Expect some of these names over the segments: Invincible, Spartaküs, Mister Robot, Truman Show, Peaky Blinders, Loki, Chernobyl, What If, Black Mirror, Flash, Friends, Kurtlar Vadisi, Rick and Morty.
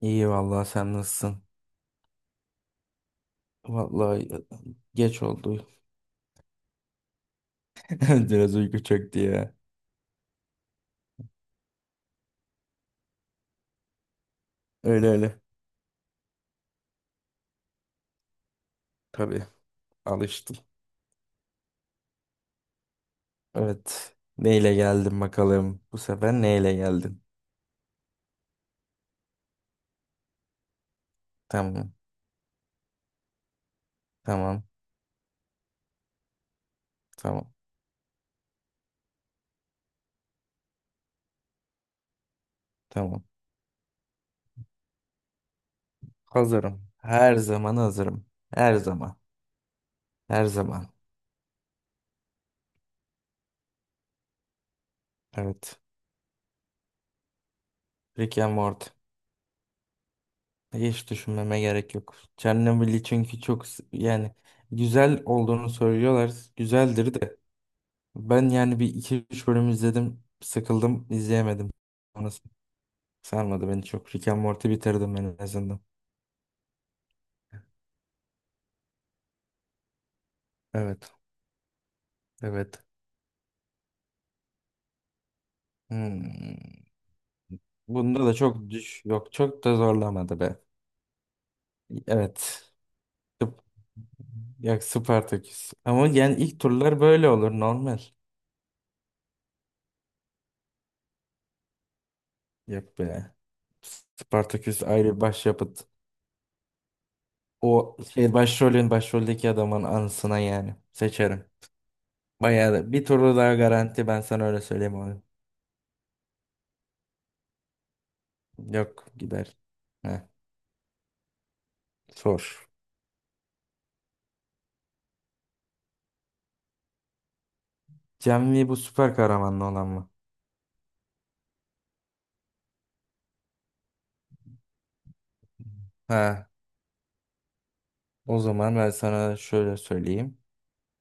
İyi vallahi sen nasılsın? Vallahi geç oldu. Biraz uyku çöktü ya. Öyle öyle. Tabii alıştım. Evet. Neyle geldin bakalım? Bu sefer neyle geldin? Tamam. Tamam. Tamam. Tamam. Hazırım. Her zaman hazırım. Her zaman. Her zaman. Evet. Rick and Morty. Hiç düşünmeme gerek yok. Chernobyl'i çünkü çok s- yani güzel olduğunu söylüyorlar. Güzeldir de. Ben yani bir iki üç bölüm izledim. Sıkıldım, izleyemedim. Sonrası sarmadı beni çok. Rick and Morty bitirdim ben en azından. Evet, evet. Hmm. Bunda da çok düş yok çok da zorlamadı be. Evet. Sp- Ya Spartaküs. Ama yani ilk turlar böyle olur normal. Yok be. Spartaküs ayrı başyapıt. O şey başrolün başroldeki adamın anısına yani. Seçerim. Bayağı da bir turu daha garanti ben sana öyle söyleyeyim abi. Yok gider. Heh, sor. Cem Lee bu süper kahramanlı olan mı? Ha, o zaman ben sana şöyle söyleyeyim.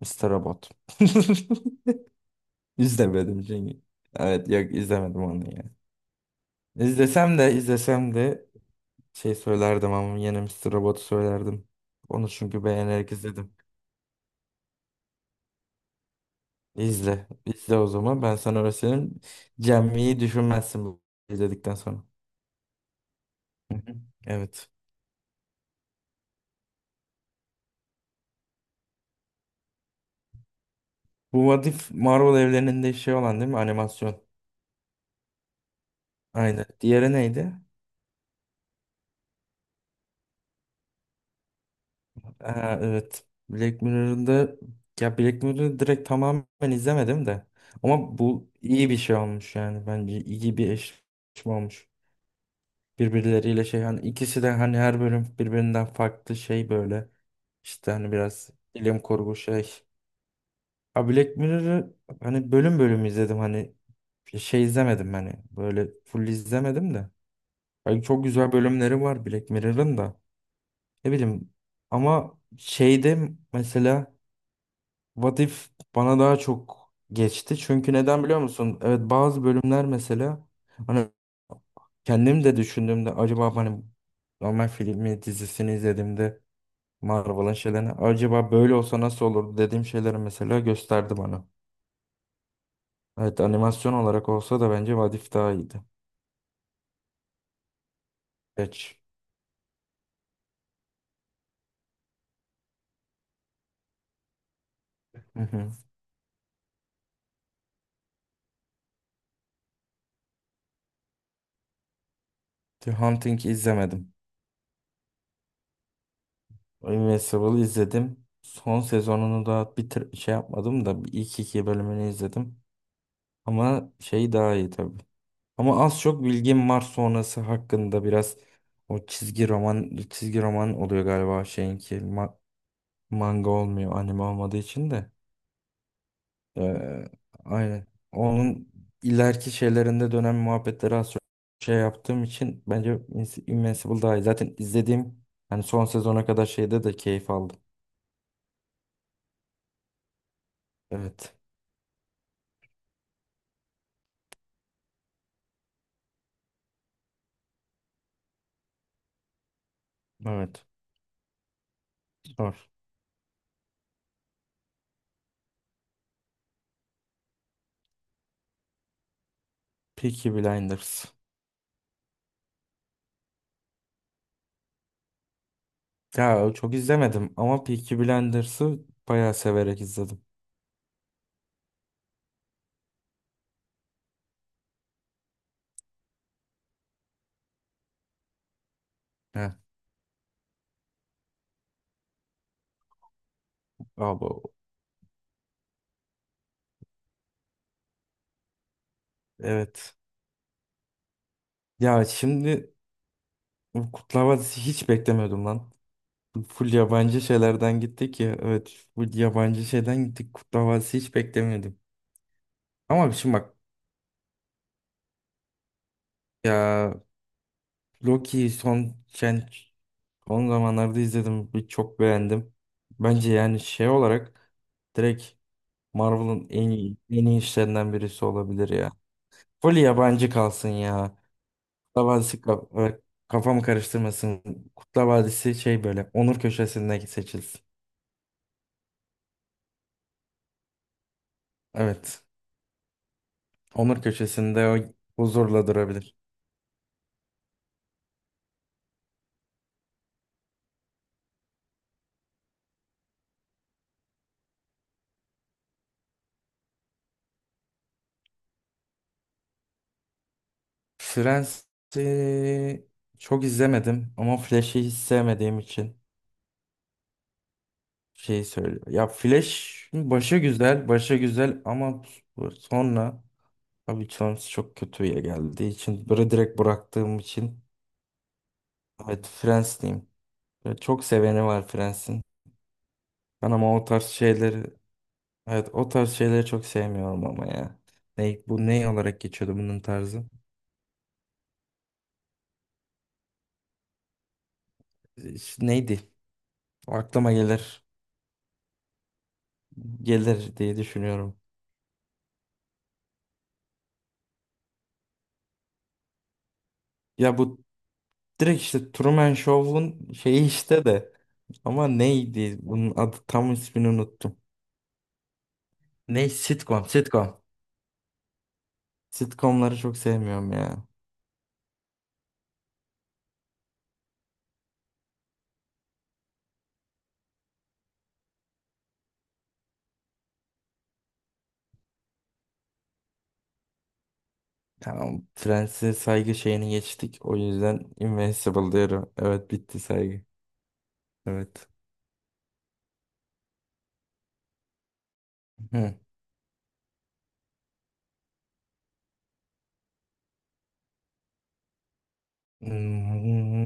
Mister Robot. İzlemedim çünkü. Evet yok izlemedim onu ya. İzlesem de izlesem de şey söylerdim ama yine Mister Robot'u söylerdim. Onu çünkü beğenerek izledim. İzle. İzle o zaman. Ben sana öyle söyleyeyim. Düşünmezsin bu izledikten sonra. Evet. Bu What If Marvel evreninde şey olan değil mi? Animasyon. Aynen. Diğeri neydi? Aa, evet. Black Mirror'da ya Black Mirror'ı direkt tamamen izlemedim de. Ama bu iyi bir şey olmuş yani. Bence iyi bir eşleşme olmuş. Birbirleriyle şey hani ikisi de hani her bölüm birbirinden farklı şey böyle. İşte hani biraz bilim kurgu şey. Ha Black Mirror'ı hani bölüm bölüm izledim hani şey izlemedim hani böyle full izlemedim de. Hani çok güzel bölümleri var Black Mirror'ın da. Ne bileyim ama şeyde mesela What If bana daha çok geçti. Çünkü neden biliyor musun? Evet bazı bölümler mesela hani kendim de düşündüğümde acaba hani normal filmi dizisini izlediğimde Marvel'ın şeylerini acaba böyle olsa nasıl olurdu dediğim şeyleri mesela gösterdi bana. Evet animasyon olarak olsa da bence What If daha iyiydi. Geç. Hı hı. The Hunting izlemedim. Invincible'ı izledim. Son sezonunu da bir şey yapmadım da bir ilk iki bölümünü izledim. Ama şey daha iyi tabii. Ama az çok bilgim var sonrası hakkında biraz o çizgi roman çizgi roman oluyor galiba şeyinki manga olmuyor anime olmadığı için de. Ee, aynen. Onun ileriki şeylerinde dönem muhabbetleri az çok şey yaptığım için bence Invincible daha iyi. Zaten izlediğim hani son sezona kadar şeyde de keyif aldım. Evet. Evet. Sor. Peaky Blinders. Ya çok izlemedim ama Peaky Blinders'ı bayağı severek izledim. Heh. Abi evet. Ya şimdi bu kutlama dizisi hiç beklemiyordum lan. Full yabancı şeylerden gittik ya. Evet full yabancı şeyden gittik. Kutlama dizisi hiç beklemiyordum. Ama şimdi bak ya Loki'yi son son zamanlarda izledim. Bir çok beğendim. Bence yani şey olarak direkt Marvel'ın en iyi, en iyi işlerinden birisi olabilir ya. Full yabancı kalsın ya. Kurtlar Vadisi böyle kafamı karıştırmasın. Kurtlar Vadisi şey böyle onur köşesinde seçilsin. Evet. Onur köşesinde o huzurla durabilir. Friends'i çok izlemedim ama Flash'i hiç sevmediğim için şeyi söylüyorum. Ya Flash başı güzel, başı güzel ama sonra abi sonrası çok kötüye geldiği için böyle direkt bıraktığım için evet Friends diyeyim. Böyle çok seveni var Friends'in. Ben ama o tarz şeyleri evet o tarz şeyleri çok sevmiyorum ama ya. Ne, bu ne olarak geçiyordu bunun tarzı? İşte neydi? Aklıma gelir. Gelir diye düşünüyorum. Ya bu direkt işte Truman Show'un şeyi işte de. Ama neydi? Bunun adı tam ismini unuttum. Ne? Sitcom. Sitcom. Sitcomları çok sevmiyorum ya. Tamam. Friends'e saygı şeyini geçtik. O yüzden Invincible diyorum. Evet bitti saygı. Evet. Hı. Hmm.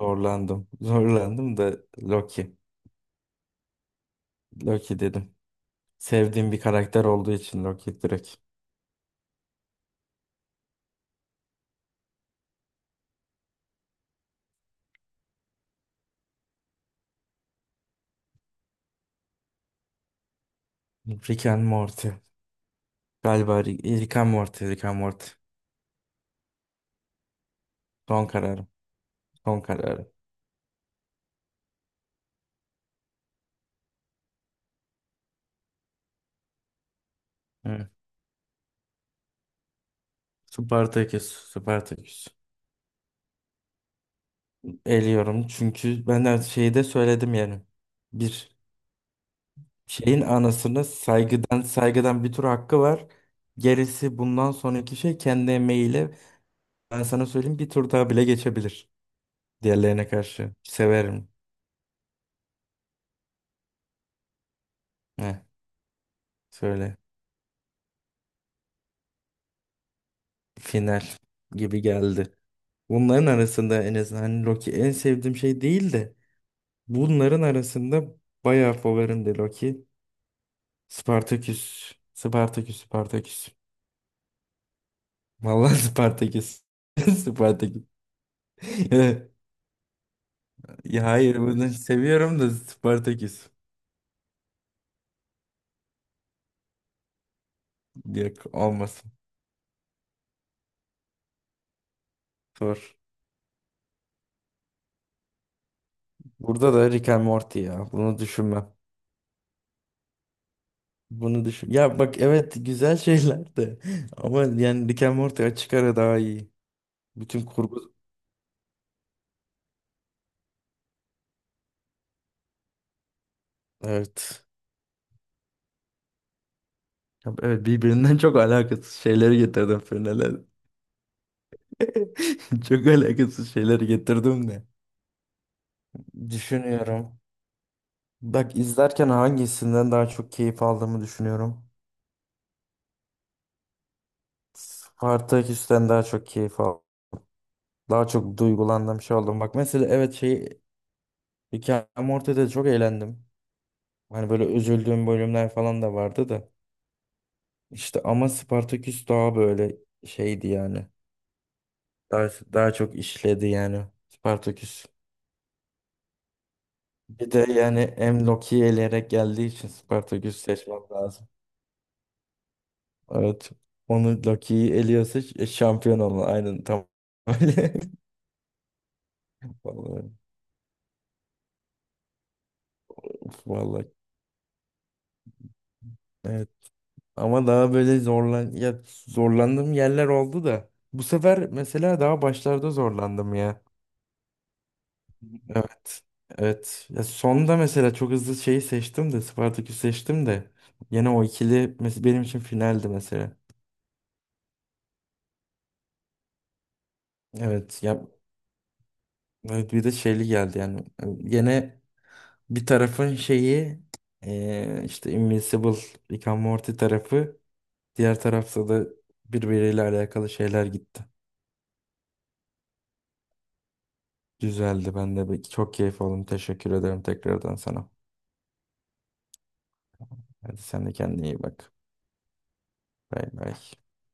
Zorlandım. Zorlandım da Loki. Loki dedim. Sevdiğim bir karakter olduğu için Loki direkt. Rick and Morty. Galiba Rick and Morty. Rick and Morty. Son kararım. Son kararım. Evet. Spartaküs. Spartaküs. Eliyorum çünkü ben de şeyi de söyledim yani. Bir şeyin anasını saygıdan saygıdan bir tur hakkı var. Gerisi bundan sonraki şey kendi emeğiyle ben sana söyleyeyim bir tur daha bile geçebilir. Diğerlerine karşı. Severim. Heh. Söyle. Final gibi geldi. Bunların arasında en azından hani Loki en sevdiğim şey değil de bunların arasında bayağı favorimdi Loki. Spartaküs. Spartaküs, Spartaküs. Vallahi Spartaküs. Spartaküs. Ya hayır bunu seviyorum da Spartaküs. Yok olmasın. Sor. Burada da Rick and Morty ya. Bunu düşünmem. Bunu düşün. Ya bak evet güzel şeyler de ama yani Rick and Morty açık ara daha iyi. Bütün kurgu evet. Ya evet birbirinden çok alakasız şeyleri getirdim finale. Çok alakasız şeyleri getirdim de. Düşünüyorum. Bak izlerken hangisinden daha çok keyif aldığımı düşünüyorum. Spartaküs'ten daha çok keyif aldım. Daha çok duygulandım şey oldum. Bak mesela evet şey Rick and Morty'de çok eğlendim. Hani böyle üzüldüğüm bölümler falan da vardı da. İşte ama Spartaküs daha böyle şeydi yani. Daha, daha çok işledi yani. Spartaküs. Bir de yani hem Loki'yi eleyerek geldiği için Spartaküs seçmem lazım. Evet. Onu Loki'yi eliyorsa şampiyon olma. Aynen tam öyle. Vallahi. Of, vallahi. Evet. Ama daha böyle zorlan ya zorlandığım yerler oldu da. Bu sefer mesela daha başlarda zorlandım ya. Evet. Evet. Ya sonda mesela çok hızlı şeyi seçtim de Spartaküs seçtim de. Yine o ikili benim için finaldi mesela. Evet ya evet, bir de şeyli geldi yani. Yine bir tarafın şeyi işte Invincible, Rick and Morty tarafı. Diğer tarafta da birbiriyle alakalı şeyler gitti. Güzeldi. Ben de çok keyif aldım. Teşekkür ederim tekrardan sana. Hadi sen de kendine iyi bak. Bay bay.